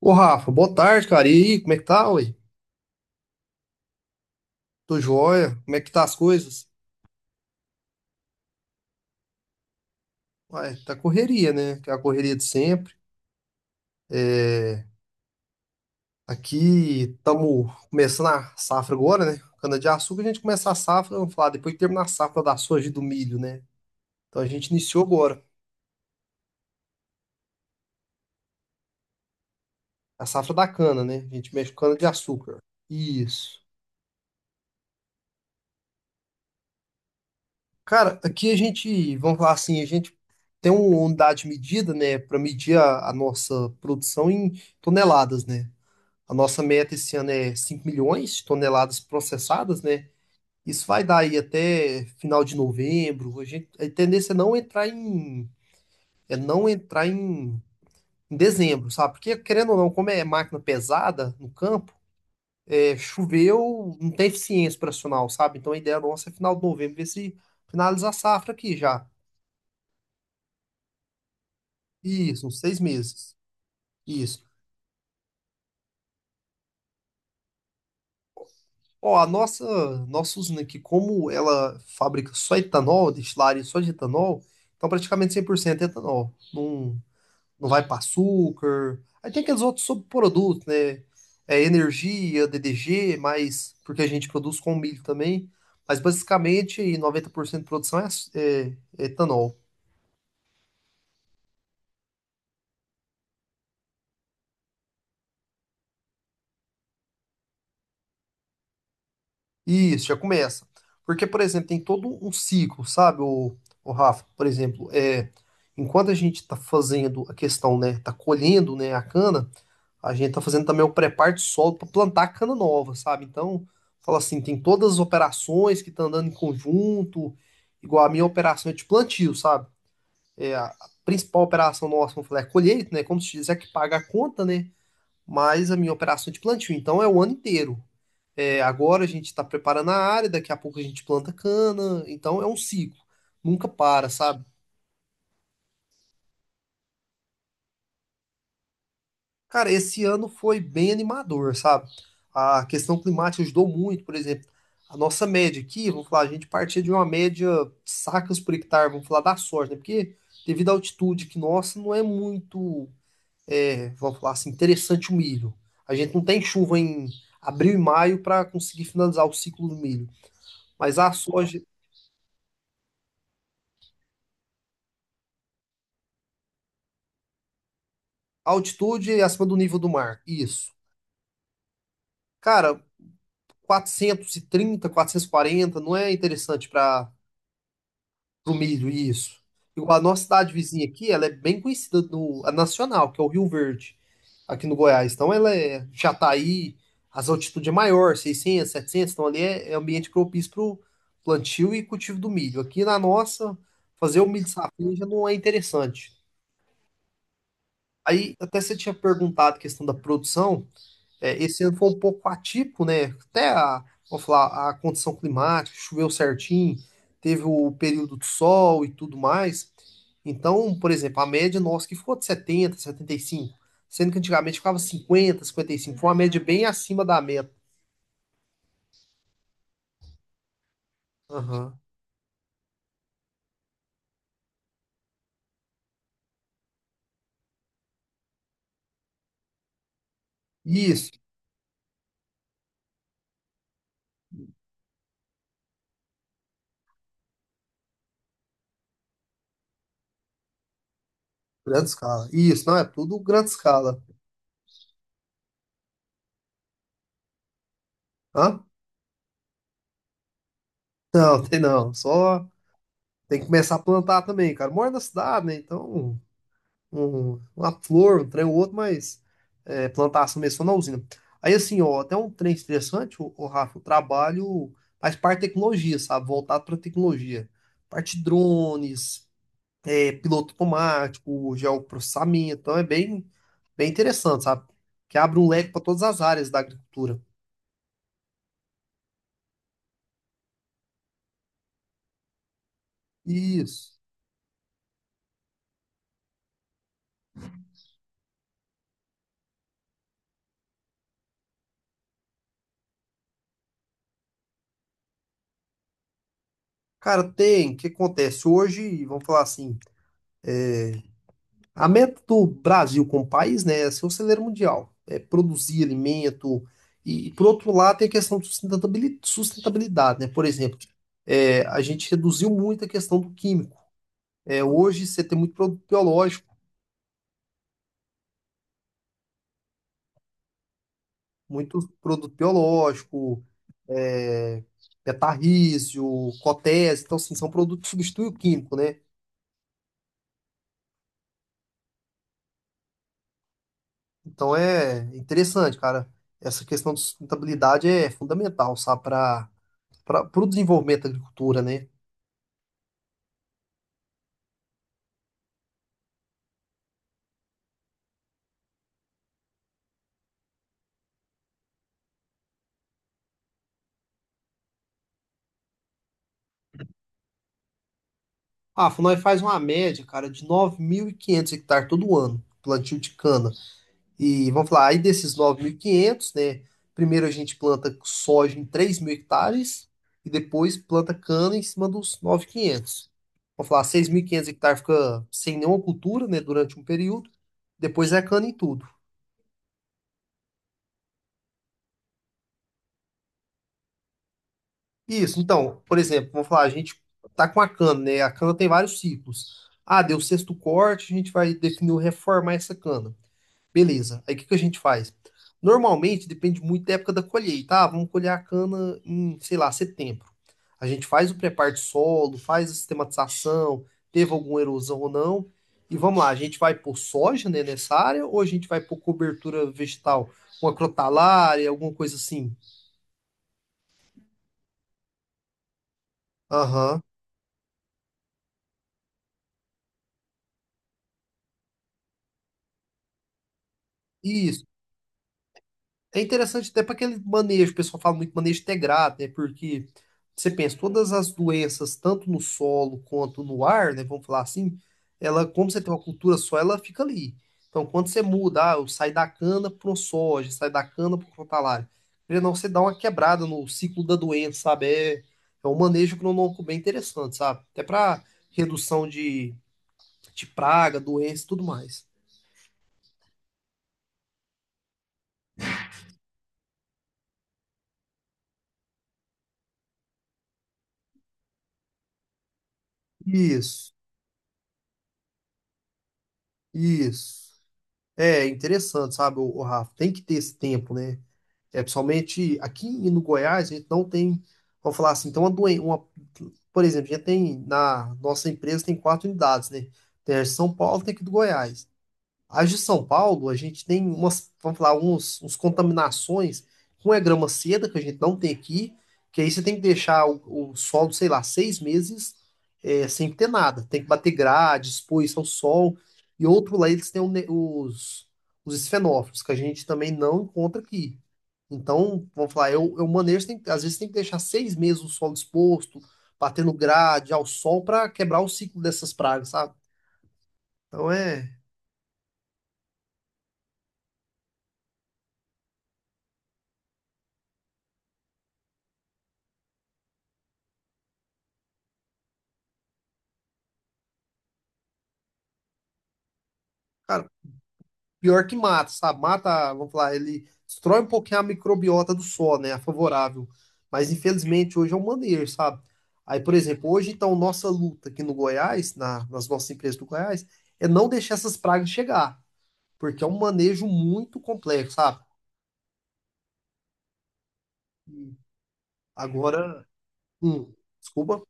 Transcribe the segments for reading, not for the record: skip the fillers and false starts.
Ô Rafa, boa tarde, cara. E aí, como é que tá, ué? Tô joia. Como é que tá as coisas? Ué, tá correria, né? Que é a correria de sempre. É... Aqui estamos começando a safra agora, né? Cana-de-açúcar, a gente começa a safra, vamos falar, depois que terminar a safra da soja e do milho, né? Então a gente iniciou agora a safra da cana, né? A gente mexe com cana-de-açúcar. Isso. Cara, aqui a gente, vamos falar assim, a gente tem uma unidade de medida, né? Para medir a nossa produção em toneladas, né? A nossa meta esse ano é 5 milhões de toneladas processadas, né? Isso vai dar aí até final de novembro. A gente, a tendência é não entrar em, é não entrar em, em dezembro, sabe? Porque, querendo ou não, como é máquina pesada no campo, é, choveu, não tem eficiência operacional, sabe? Então a ideia nossa é final de novembro, ver se finaliza a safra aqui já. Isso, uns 6 meses. Isso. Ó, a nossa usina aqui, como ela fabrica só etanol, destilaria só de etanol, então praticamente 100% é etanol. Não, não vai para açúcar. Aí tem aqueles outros subprodutos, né? É energia, DDG, mas porque a gente produz com milho também. Mas basicamente 90% de produção é etanol. Isso, já começa. Porque, por exemplo, tem todo um ciclo, sabe, o Rafa? Por exemplo, é, enquanto a gente está fazendo a questão, né, tá colhendo, né, a cana, a gente tá fazendo também o preparo de solo para plantar a cana nova, sabe? Então, fala assim, tem todas as operações que estão andando em conjunto, igual a minha operação é de plantio, sabe? É, a principal operação nossa, vamos falar, é a colheita, né? Como se diz, é que paga a conta, né? Mas a minha operação é de plantio, então é o ano inteiro. É, agora a gente está preparando a área, daqui a pouco a gente planta cana, então é um ciclo, nunca para, sabe? Cara, esse ano foi bem animador, sabe? A questão climática ajudou muito, por exemplo, a nossa média aqui, vamos falar, a gente partia de uma média de sacas por hectare, vamos falar da soja, né? Porque devido à altitude que nossa, não é muito, é, vamos falar assim, interessante o milho. A gente não tem chuva em abril e maio para conseguir finalizar o ciclo do milho, mas a soja. Altitude acima do nível do mar. Isso. Cara, 400, 430, 440 não é interessante para o milho. Isso. Igual a nossa cidade vizinha aqui, ela é bem conhecida no a nacional, que é o Rio Verde, aqui no Goiás. Então ela é Jataí, as altitudes é maior, 600, 700 então ali é ambiente propício para o plantio e cultivo do milho. Aqui na nossa, fazer o milho safrinha já não é interessante. Aí até você tinha perguntado a questão da produção. É, esse ano foi um pouco atípico, né? Até a, vamos falar, a condição climática, choveu certinho, teve o período do sol e tudo mais. Então, por exemplo, a média nossa que ficou de 70, 75, sendo que antigamente ficava 50, 55, foi uma média bem acima da meta. Aham. Isso, grande escala. Isso, não, é tudo grande escala. Hã? Não, tem não. Só tem que começar a plantar também, cara. Moro na cidade, né? Então, uma flor, um trem ou outro, mas é, plantação mesmo só na usina. Aí assim, ó, até um trem interessante, o, Rafa, o trabalho faz parte de tecnologia, sabe? Voltado para tecnologia. Parte de drones, é, piloto automático, geoprocessamento, então é bem, bem interessante, sabe? Que abre um leque para todas as áreas da agricultura. Isso. Cara, tem, o que acontece? Hoje, vamos falar assim, a meta do Brasil como país, né, é ser o celeiro mundial, é produzir alimento. E, por outro lado, tem a questão de sustentabilidade, sustentabilidade, né? Por exemplo, é, a gente reduziu muito a questão do químico. É, hoje você tem muito produto biológico, é, betarrísio, cotese, então assim, são produtos que substituem o químico, né? Então é interessante, cara. Essa questão de sustentabilidade é fundamental, sabe, para o desenvolvimento da agricultura, né? Ah, nós faz uma média, cara, de 9.500 hectares todo ano, plantio de cana. E vamos falar, aí desses 9.500, né? Primeiro a gente planta soja em 3.000 hectares e depois planta cana em cima dos 9.500. Vamos falar, 6.500 hectares fica sem nenhuma cultura, né, durante um período. Depois é cana em tudo. Isso, então, por exemplo, vamos falar, a gente tá com a cana, né? A cana tem vários ciclos. Ah, deu o sexto corte, a gente vai definir o reformar essa cana. Beleza. Aí o que que a gente faz? Normalmente depende muito da época da colheita. Ah, vamos colher a cana em, sei lá, setembro. A gente faz o preparo de solo, faz a sistematização, teve alguma erosão ou não. E vamos lá, a gente vai por soja, né, nessa área ou a gente vai por cobertura vegetal, uma crotalária, alguma coisa assim? Aham. Isso. É interessante até para aquele manejo, o pessoal fala muito manejo integrado, né? Porque você pensa, todas as doenças, tanto no solo quanto no ar, né? Vamos falar assim, ela, como você tem uma cultura só, ela fica ali. Então, quando você muda, ah, eu saio da cana pro soja, saio da cana pro crotalária, querendo ou não, você dá uma quebrada no ciclo da doença, sabe? É um manejo agronômico bem interessante, sabe? Até para redução de praga, doença e tudo mais. Isso, isso. É interessante, sabe, o, Rafa? Tem que ter esse tempo, né? É, principalmente aqui no Goiás, a gente não tem, vamos falar assim, então uma doença, uma, por exemplo, a gente tem na nossa empresa tem quatro unidades, né? Tem a de São Paulo, tem aqui do Goiás. As de São Paulo, a gente tem umas, vamos falar, uns contaminações com a grama seda, que a gente não tem aqui, que aí você tem que deixar o solo, sei lá, 6 meses sem ter nada. Tem que bater grade, expor isso ao sol. E outro lá, eles têm os esfenófilos, que a gente também não encontra aqui. Então, vamos falar, eu manejo, tem, às vezes tem que deixar 6 meses o solo exposto, batendo grade ao sol para quebrar o ciclo dessas pragas, sabe? Então é. Cara, pior que mata, sabe? Mata, vamos falar, ele destrói um pouquinho a microbiota do solo, né? A favorável. Mas infelizmente hoje é um maneiro, sabe? Aí, por exemplo, hoje então nossa luta aqui no Goiás, nas nossas empresas do Goiás, é não deixar essas pragas chegar, porque é um manejo muito complexo, sabe? Agora, hum, desculpa.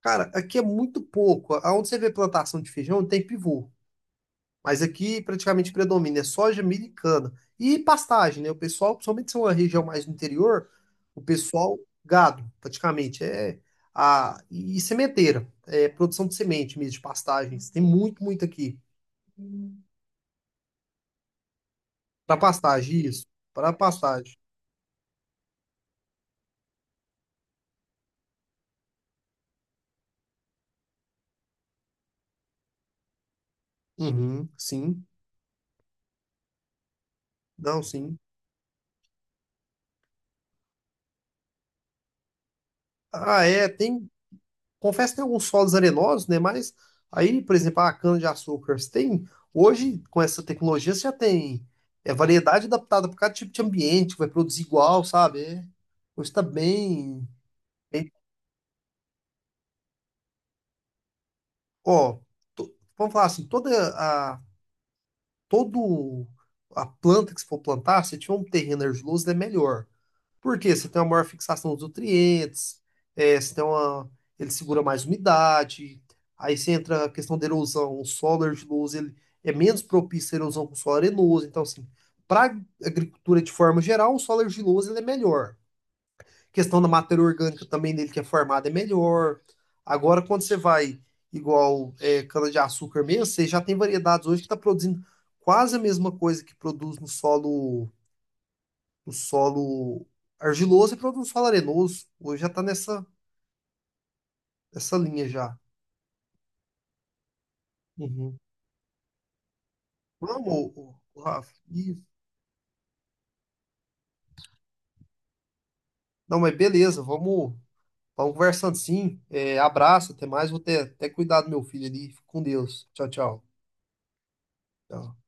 Cara, aqui é muito pouco. Aonde você vê plantação de feijão, tem pivô. Mas aqui praticamente predomina é soja, milho e cana. E pastagem, né? O pessoal, principalmente se é uma região mais do interior, o pessoal, gado, praticamente. É a, e sementeira, é produção de semente mesmo, de pastagens. Tem muito, muito aqui. Para pastagem, isso. Para pastagem. Uhum, sim. Não, sim. Ah, é, tem. Confesso que tem alguns solos arenosos, né? Mas aí, por exemplo, a cana-de-açúcar, você tem, hoje, com essa tecnologia, você já tem é, variedade adaptada para cada tipo de ambiente, que vai produzir igual, sabe? É, hoje está bem, bem- Ó, vamos falar assim, a, todo a planta que você for plantar, se tiver um terreno argiloso, é melhor. Por quê? Você tem uma maior fixação dos nutrientes, é, você tem uma, ele segura mais umidade, aí você entra a questão da erosão, o solo argiloso, ele é menos propício à erosão que o solo arenoso, então assim, para agricultura de forma geral, o solo argiloso ele é melhor. Questão da matéria orgânica também dele que é formada é melhor. Agora, quando você vai igual é, cana-de-açúcar mesmo, você já tem variedades hoje que está produzindo quase a mesma coisa que produz no solo o solo argiloso e para um solo arenoso. Hoje já tá nessa, nessa linha já. Uhum. Vamos, ô, Rafa. Isso. Não, mas beleza, vamos, vamos conversando sim. É, abraço, até mais. Vou ter até cuidado do meu filho ali. Fica com Deus. Tchau, tchau. Tchau.